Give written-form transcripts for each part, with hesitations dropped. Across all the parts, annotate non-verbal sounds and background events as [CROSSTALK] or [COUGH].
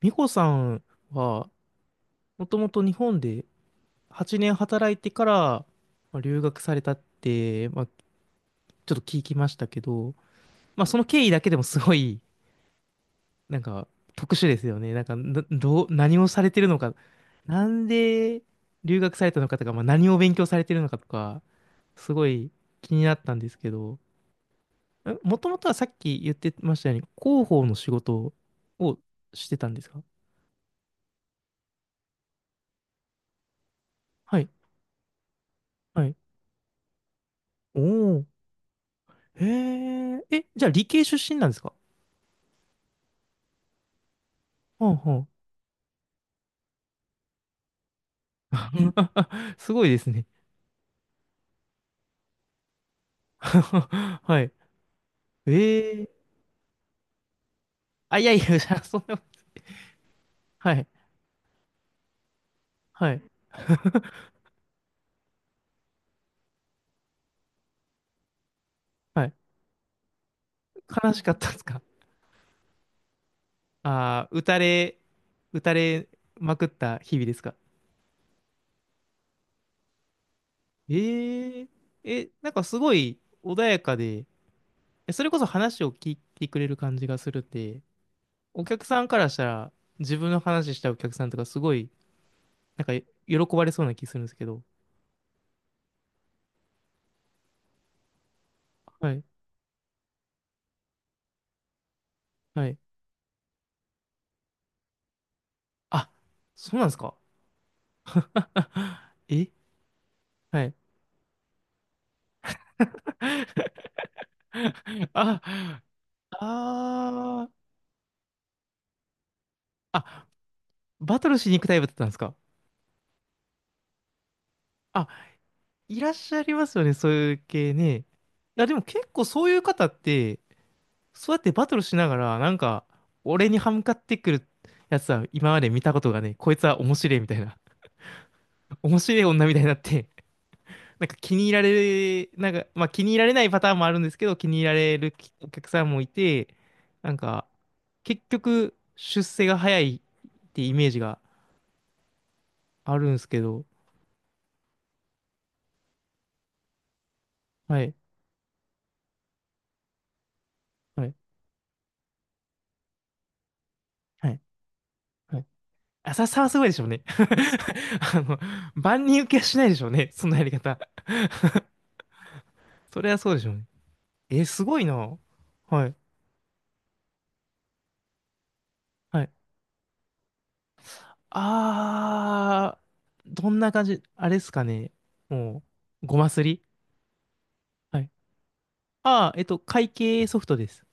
美穂さんは、もともと日本で8年働いてから、まあ、留学されたって、まあ、ちょっと聞きましたけど、まあ、その経緯だけでもすごい、なんか、特殊ですよね。なんか、などう、何をされてるのか、なんで留学されたのかとか、まあ、何を勉強されてるのかとか、すごい気になったんですけど、もともとはさっき言ってましたように、広報の仕事をしてたんですか？はい、はい。おお。へえ、え、じゃあ理系出身なんですか？ほうほう。[LAUGHS] すごいですね。[LAUGHS] はい。ええ、あ、いやいや、じゃあ、そんな、はい、はい、[LAUGHS] はい。悲しかったですか？ああー、打たれまくった日々ですか？え、ええ、なんかすごい穏やかで、え、それこそ話を聞いてくれる感じがするって、お客さんからしたら、自分の話したお客さんとかすごい、なんか喜ばれそうな気するんですけど。はい。はい、あ、そうなんですか？ [LAUGHS] え、はい。[LAUGHS] あ、あー、あ、バトルしに行くタイプだったんですか？あ、いらっしゃいますよね、そういう系ね。いや、でも結構そういう方って、そうやってバトルしながら、なんか、俺に歯向かってくるやつは今まで見たことがね、こいつは面白いみたいな、[LAUGHS] 面白い女みたいになって、なんか気に入られ、なんか、まあ気に入られないパターンもあるんですけど、気に入られるお客さんもいて、なんか、結局、出世が早いってイメージがあるんですけど、はい、はい、はい、はい。浅さはすごいでしょうね。[LAUGHS] あの、万人受けはしないでしょうね、そんなやり方。[LAUGHS] それはそうでしょうね。え、すごいな。はい、はい。あどんな感じ、あれっすかね。もう、ごますり。はい。ああ、会計ソフトです。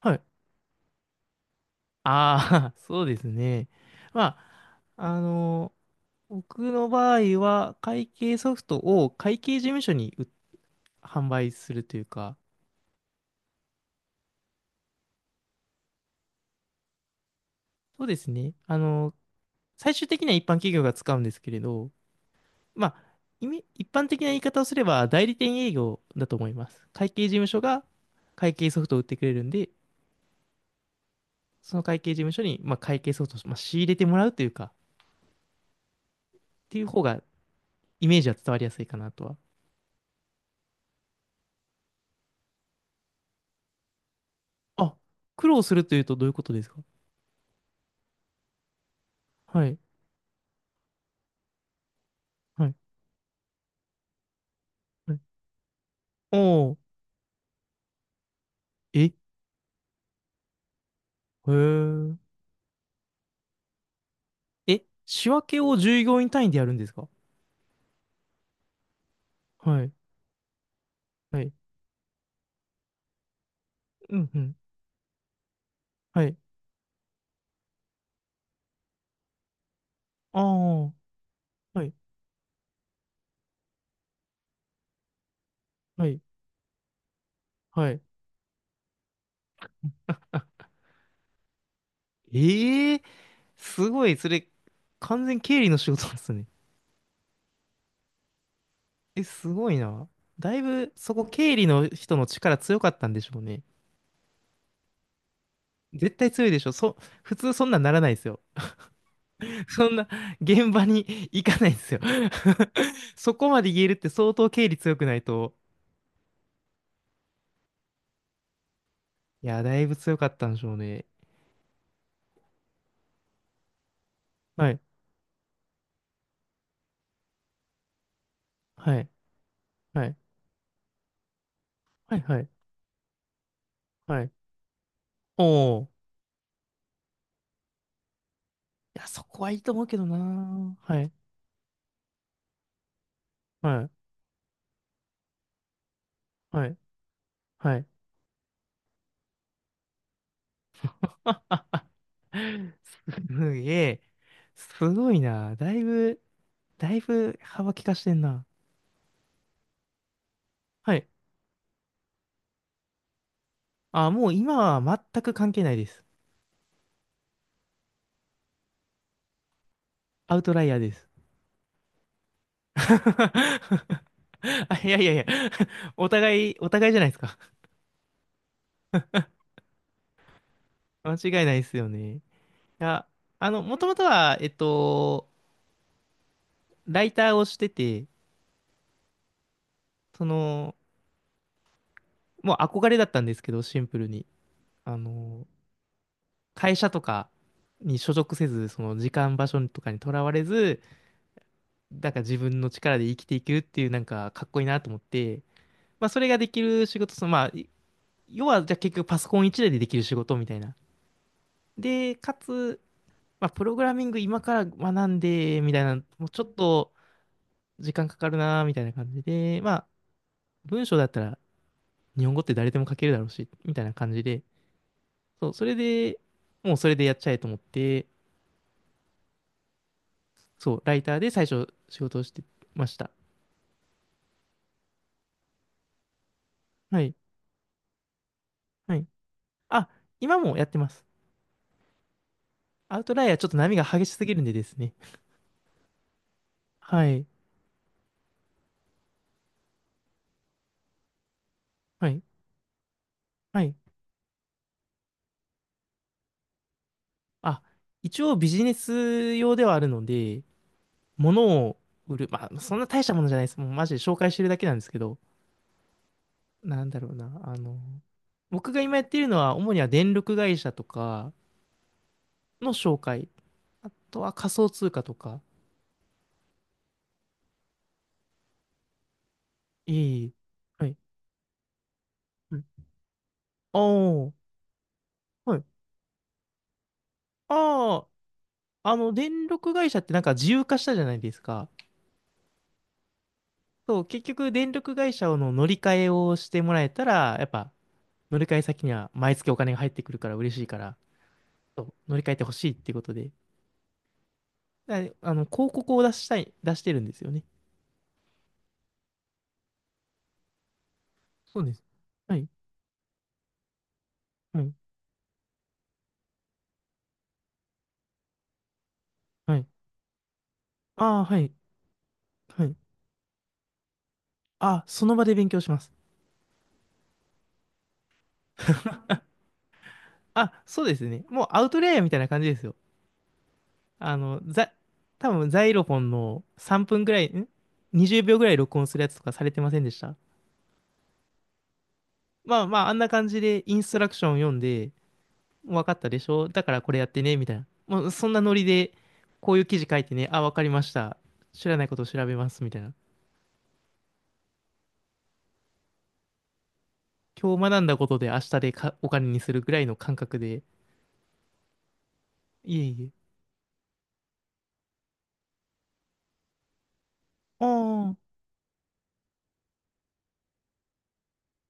はい。ああ、[LAUGHS] そうですね。まあ、あの、僕の場合は、会計ソフトを会計事務所に販売するというか、そうですね。あの、最終的には一般企業が使うんですけれど、まあ、意味一般的な言い方をすれば、代理店営業だと思います。会計事務所が会計ソフトを売ってくれるんで、その会計事務所に、まあ、会計ソフトを、まあ、仕入れてもらうというか、っていう方が、イメージは伝わりやすいかなとは。あ、苦労するというとどういうことですか？はい、はい、はい。おー、え、へー。え、仕分けを従業員単位でやるんですか？はい、はい、うん、うん、はい。ああ、はい、はい、はい。ええ、すごい、それ、完全経理の仕事ですね。え、すごいな。だいぶ、そこ経理の人の力強かったんでしょうね。絶対強いでしょ。普通そんなんならないですよ。[LAUGHS] そんな現場に [LAUGHS] 行かないですよ。 [LAUGHS] そこまで言えるって相当経理強くないと。いや、だいぶ強かったんでしょうね。はい、はい、はい、はい、はい、はい。おー。いや、そこはいいと思うけどなー。はい、はい、はい、はい。あ、すげえ。すごいな。だいぶ幅利かしてんな。はい。あ、もう今は全く関係ないです。アウトライヤーです。[LAUGHS] あ、いやいやいや、[LAUGHS] お互い、お互いじゃないですか。[LAUGHS] 間違いないですよね。いや、あの、もともとは、ライターをしてて、その、もう憧れだったんですけど、シンプルに。あの、会社とかに所属せず、その時間場所とかにとらわれず、なんか自分の力で生きていくっていう、なんかかっこいいなと思って、まあ、それができる仕事、その、まあ、要は、じゃあ結局パソコン一台でできる仕事みたいな。で、かつ、まあ、プログラミング今から学んで、みたいな、もうちょっと時間かかるな、みたいな感じで、まあ、文章だったら日本語って誰でも書けるだろうし、みたいな感じで、そう、それで、もうそれでやっちゃえと思って、そう、ライターで最初仕事をしてました。はい。はい。あ、今もやってます。アウトライアーちょっと波が激しすぎるんでですね。はい。はい。はい。あ、一応ビジネス用ではあるので、物を売る。まあ、そんな大したものじゃないです。もうマジで紹介してるだけなんですけど、なんだろうな、あの、僕が今やっているのは、主には電力会社とかの紹介、あとは仮想通貨とか、いい、はい、はい。ああ、はい。ああ、あの、電力会社ってなんか自由化したじゃないですか。そう、結局、電力会社の乗り換えをしてもらえたら、やっぱ、乗り換え先には毎月お金が入ってくるから嬉しいから、そう乗り換えてほしいっていうことで、だあの、広告を出してるんですよね。そうです。はい、はい、はい。ああ、はい。はい。あ、その場で勉強します。あ、そうですね。もうアウトレイヤーみたいな感じですよ。あの、多分ザイロフォンの3分ぐらい、ん ?20 秒ぐらい録音するやつとかされてませんでした？まあまあ、あんな感じでインストラクション読んで、わかったでしょだからこれやってね、みたいな。もうそんなノリで、こういう記事書いてね、あ、わかりました。知らないことを調べます、みたいな。今日学んだことで明日でかお金にするぐらいの感覚で。いえいえ。あ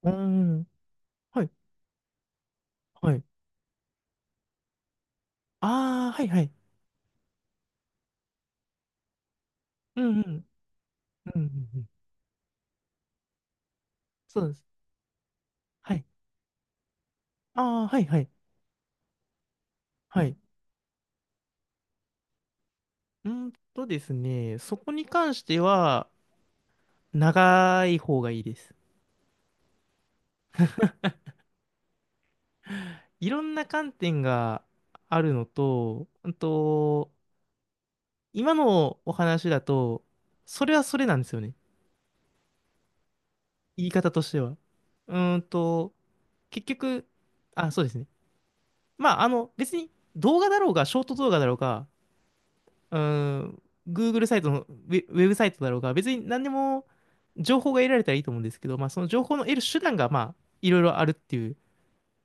あ、うん。はい、はい。ああ、はいはい。うんうん。うんうんうん。そうです。はい。ああ、はいはい。はい。うーんとですね、そこに関しては、長い方がいいです。いろんな観点があるのと、うんと、今のお話だと、それはそれなんですよね。言い方としては。うーんと、結局、あ、そうですね。まあ、あの、別に動画だろうが、ショート動画だろうが、うーん、Google サイトのウェブサイトだろうが、別に何でも、情報が得られたらいいと思うんですけど、まあ、その情報の得る手段が、まあ、いろいろあるっていう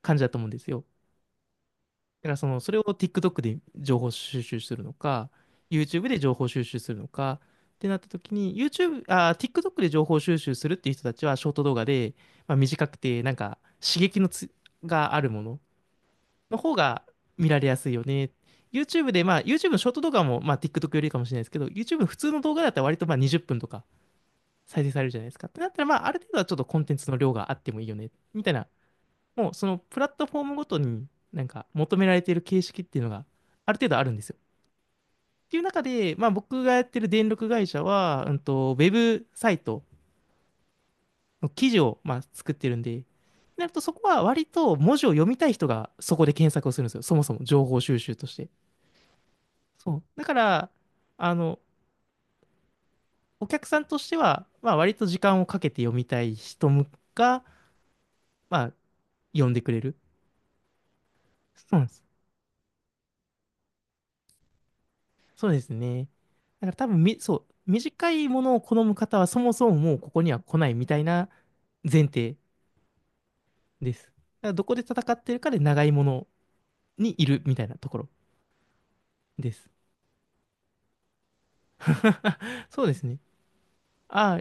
感じだと思うんですよ。だから、その、それを TikTok で情報収集するのか、YouTube で情報収集するのか、ってなった時に、YouTube、あー、TikTok で情報収集するっていう人たちは、ショート動画で、まあ、短くて、なんか、刺激のつ、があるものの方が見られやすいよね。YouTube で、まあ、YouTube のショート動画も、まあ、TikTok よりかもしれないですけど、YouTube の普通の動画だったら割と、まあ、20分とか、再生されるじゃないですか。ってなったら、まあ、ある程度はちょっとコンテンツの量があってもいいよね、みたいな、もうそのプラットフォームごとになんか求められている形式っていうのがある程度あるんですよ。っていう中で、まあ、僕がやってる電力会社は、うんと、ウェブサイトの記事をまあ作ってるんで、なるとそこは割と文字を読みたい人がそこで検索をするんですよ。そもそも情報収集として。そう。だから、あの、お客さんとしては、まあ割と時間をかけて読みたい人が、まあ読んでくれる。そうなんです。そうですね。だから多分そう、短いものを好む方はそもそももうここには来ないみたいな前提です。だからどこで戦ってるかで長いものにいるみたいなところです。[LAUGHS] そうですね。あ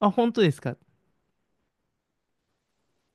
あ、あ、本当ですか？